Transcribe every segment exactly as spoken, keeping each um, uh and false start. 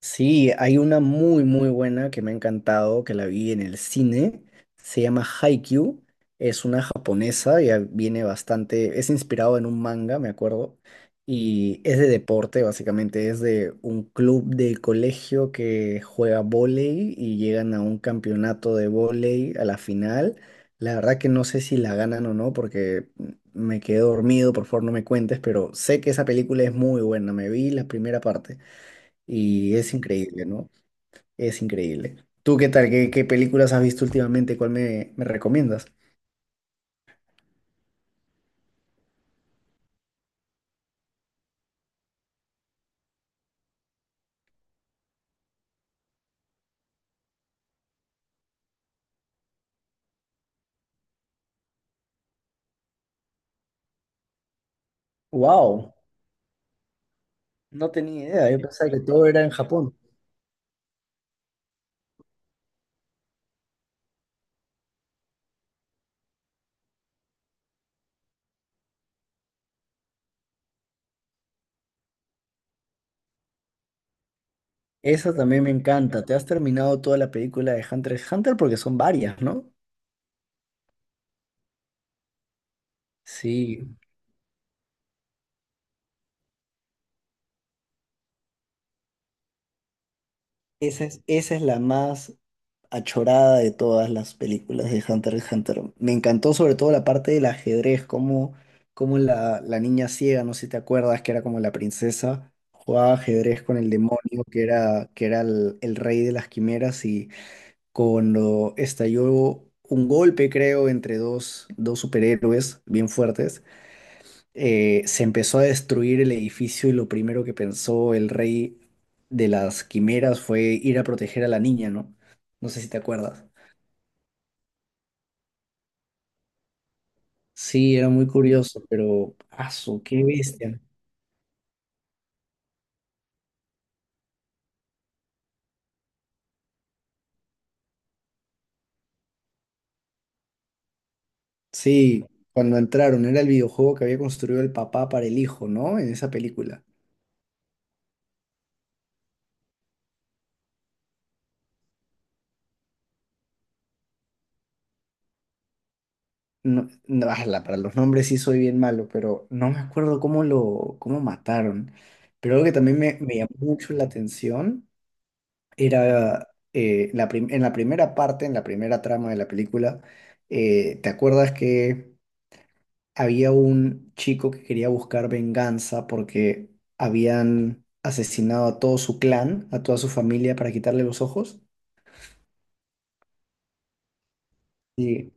Sí, hay una muy muy buena que me ha encantado, que la vi en el cine, se llama Haikyuu, es una japonesa, ya viene bastante, es inspirado en un manga, me acuerdo, y es de deporte básicamente, es de un club de colegio que juega vóley y llegan a un campeonato de vóley a la final. La verdad que no sé si la ganan o no porque me quedé dormido, por favor no me cuentes, pero sé que esa película es muy buena, me vi la primera parte. Y es increíble, ¿no? Es increíble. ¿Tú qué tal? ¿Qué, qué películas has visto últimamente? ¿Cuál me, me recomiendas? ¡Wow! No tenía idea. Yo pensaba que todo era en Japón. Esa también me encanta. ¿Te has terminado toda la película de Hunter x Hunter? Porque son varias, ¿no? Sí. Esa es, esa es la más achorada de todas las películas de Hunter x Hunter. Me encantó sobre todo la parte del ajedrez, como, como la, la niña ciega, no sé si te acuerdas, que era como la princesa, jugaba ajedrez con el demonio, que era, que era el, el rey de las quimeras, y cuando estalló un golpe, creo, entre dos, dos superhéroes bien fuertes, eh, se empezó a destruir el edificio y lo primero que pensó el rey de las quimeras fue ir a proteger a la niña, ¿no? No sé si te acuerdas. Sí, era muy curioso, pero ¡asu! ¡Qué bestia! Sí, cuando entraron, era el videojuego que había construido el papá para el hijo, ¿no? En esa película. No, no, ala, para los nombres sí soy bien malo, pero no me acuerdo cómo lo, cómo mataron. Pero algo que también me, me llamó mucho la atención era eh, la prim- en la primera parte, en la primera trama de la película, eh, ¿te acuerdas que había un chico que quería buscar venganza porque habían asesinado a todo su clan, a toda su familia para quitarle los ojos? Y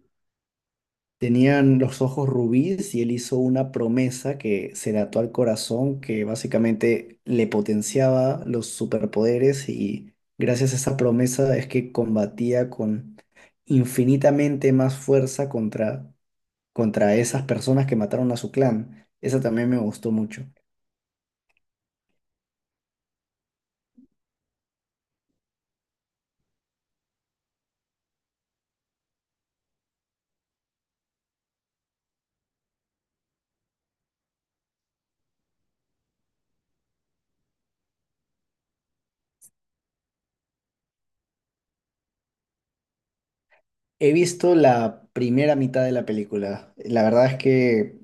tenían los ojos rubíes y él hizo una promesa que se le ató al corazón, que básicamente le potenciaba los superpoderes y gracias a esa promesa es que combatía con infinitamente más fuerza contra, contra esas personas que mataron a su clan. Esa también me gustó mucho. He visto la primera mitad de la película. La verdad es que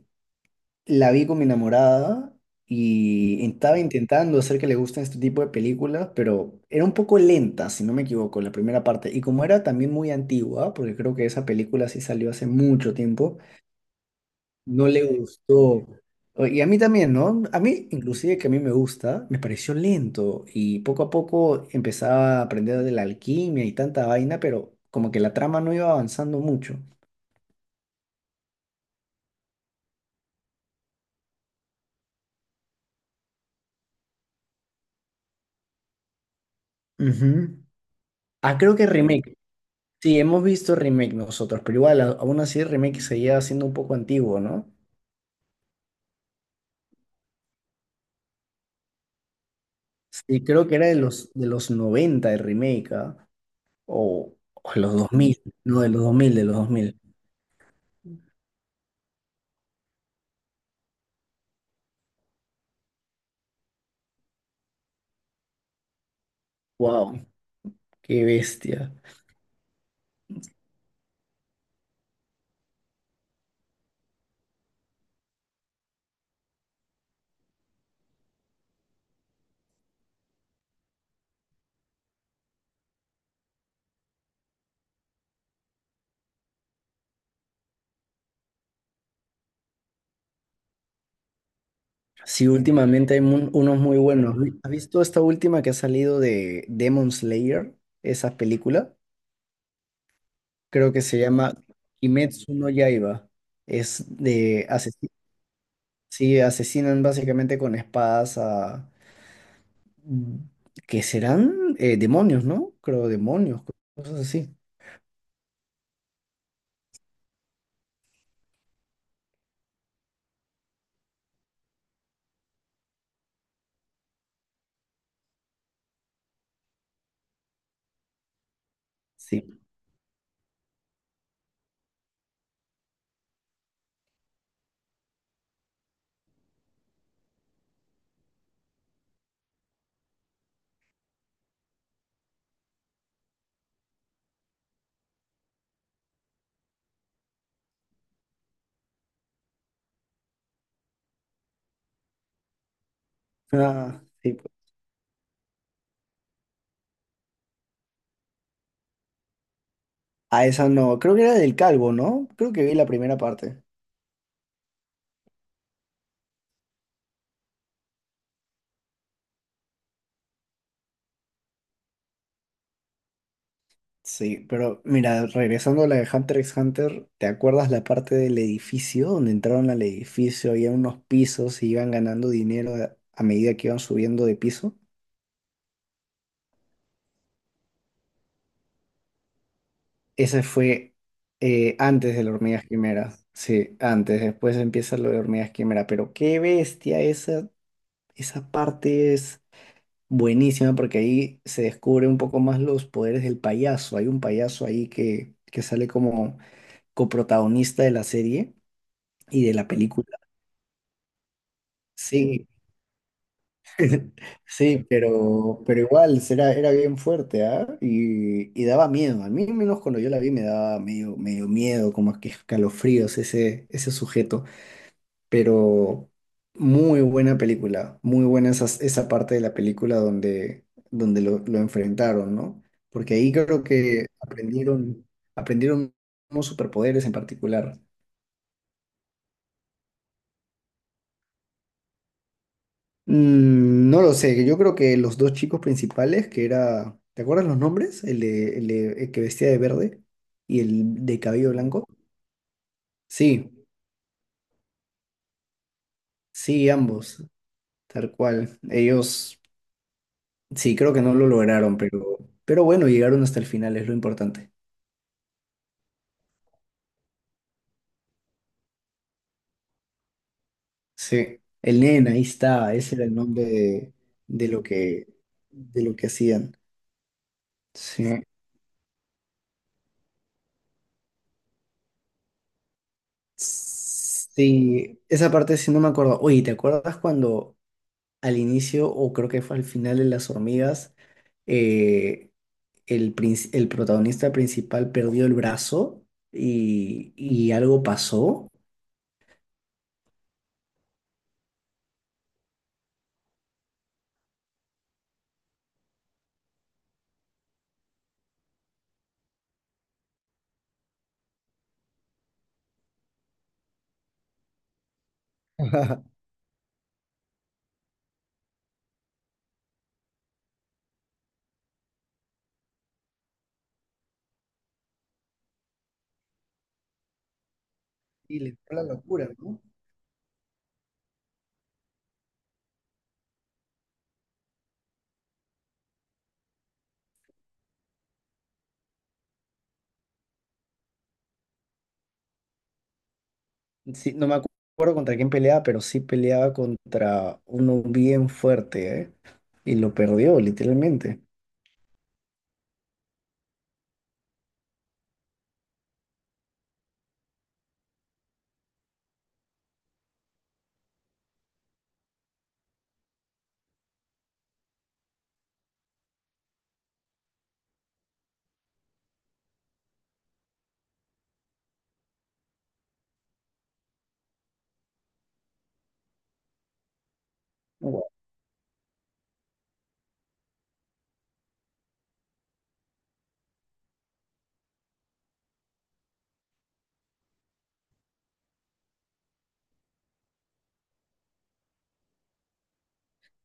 la vi con mi enamorada y estaba intentando hacer que le gusten este tipo de películas, pero era un poco lenta, si no me equivoco, la primera parte. Y como era también muy antigua, porque creo que esa película sí salió hace mucho tiempo, no le gustó. O- Y a mí también, ¿no? A mí, inclusive que a mí me gusta, me pareció lento y poco a poco empezaba a aprender de la alquimia y tanta vaina, pero como que la trama no iba avanzando mucho. Ujú. Ah, creo que remake. Sí, hemos visto remake nosotros, pero igual, a- aún así el remake seguía siendo un poco antiguo, ¿no? Sí, creo que era de los, de los noventa el remake, ¿ah? O, o los dos mil no, de los dos mil de los dos mil ¡Wow! ¡Qué bestia! Sí, últimamente hay mun- unos muy buenos. Vi- ¿Has visto esta última que ha salido de Demon Slayer? Esa película. Creo que se llama Kimetsu no Yaiba. Es de. Sí, asesinan básicamente con espadas a mm, que serán Eh, demonios, ¿no? Creo demonios, cosas así. Sí. Ah, sí. A esa no, creo que era del calvo, ¿no? Creo que vi la primera parte. Sí, pero mira, regresando a la de Hunter x Hunter, ¿te acuerdas la parte del edificio? Donde entraron al edificio, había unos pisos y iban ganando dinero a a medida que iban subiendo de piso. Ese fue eh, antes de las hormigas quimera. Sí, antes. Después empieza lo de hormigas quimera. Pero qué bestia, esa, esa parte es buenísima porque ahí se descubre un poco más los poderes del payaso. Hay un payaso ahí que, que sale como coprotagonista de la serie y de la película. Sí, Sí, pero, pero igual era, era bien fuerte, ¿ah? Y, y daba miedo. A mí, al menos cuando yo la vi, me daba medio, medio miedo, como que escalofríos ese, ese sujeto. Pero muy buena película, muy buena esa, esa parte de la película donde, donde lo, lo enfrentaron, ¿no? Porque ahí creo que aprendieron, aprendieron unos superpoderes en particular. Mm, No lo sé, yo creo que los dos chicos principales, que era, ¿te acuerdas los nombres? El, de- el, de- el que vestía de verde y el de cabello blanco. Sí, sí, ambos, tal cual. Ellos, sí, creo que no lo lograron, pero, pero bueno, llegaron hasta el final, es lo importante. Sí, el nena, ahí está, ese era el nombre de, de lo que, de lo que hacían. Sí. Sí, esa parte sí no me acuerdo. Oye, ¿te acuerdas cuando al inicio, o creo que fue al final de Las Hormigas, eh, el, princi- el protagonista principal perdió el brazo y, y algo pasó. Y le fue la locura, ¿no? Sí, no me acu- acuerdo contra quién peleaba, pero sí peleaba contra uno bien fuerte, ¿eh? Y lo perdió, literalmente.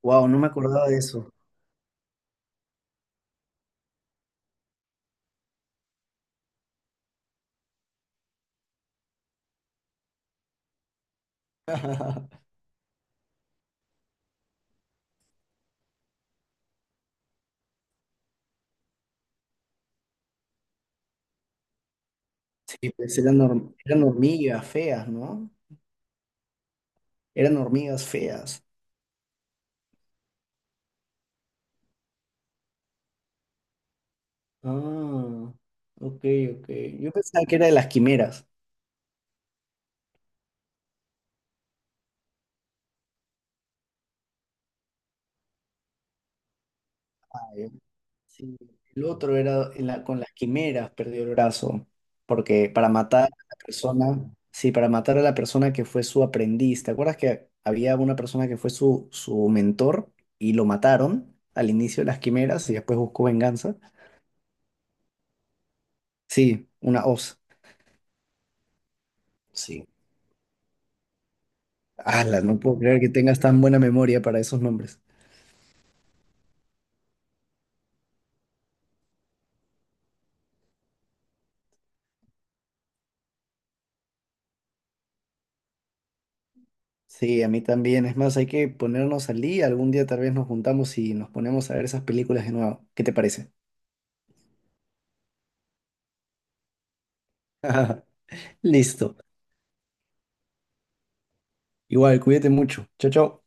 Wow, no me acordaba de eso. Sí, pues eran, horm- eran hormigas feas, ¿no? Eran hormigas feas. Ah, ok, ok. Yo pensaba que era de las quimeras. Ah, ya. Sí, el otro era en la- con las quimeras perdió el brazo, porque para matar a la persona, sí, para matar a la persona que fue su aprendiz. ¿Te acuerdas que había una persona que fue su, su mentor y lo mataron al inicio de las quimeras y después buscó venganza? Sí, una hoz. Sí. Ala, no puedo creer que tengas tan buena memoria para esos nombres. Sí, a mí también. Es más, hay que ponernos al día. Algún día tal vez nos juntamos y nos ponemos a ver esas películas de nuevo. ¿Qué te parece? Listo. Igual, cuídate mucho. Chao, chao.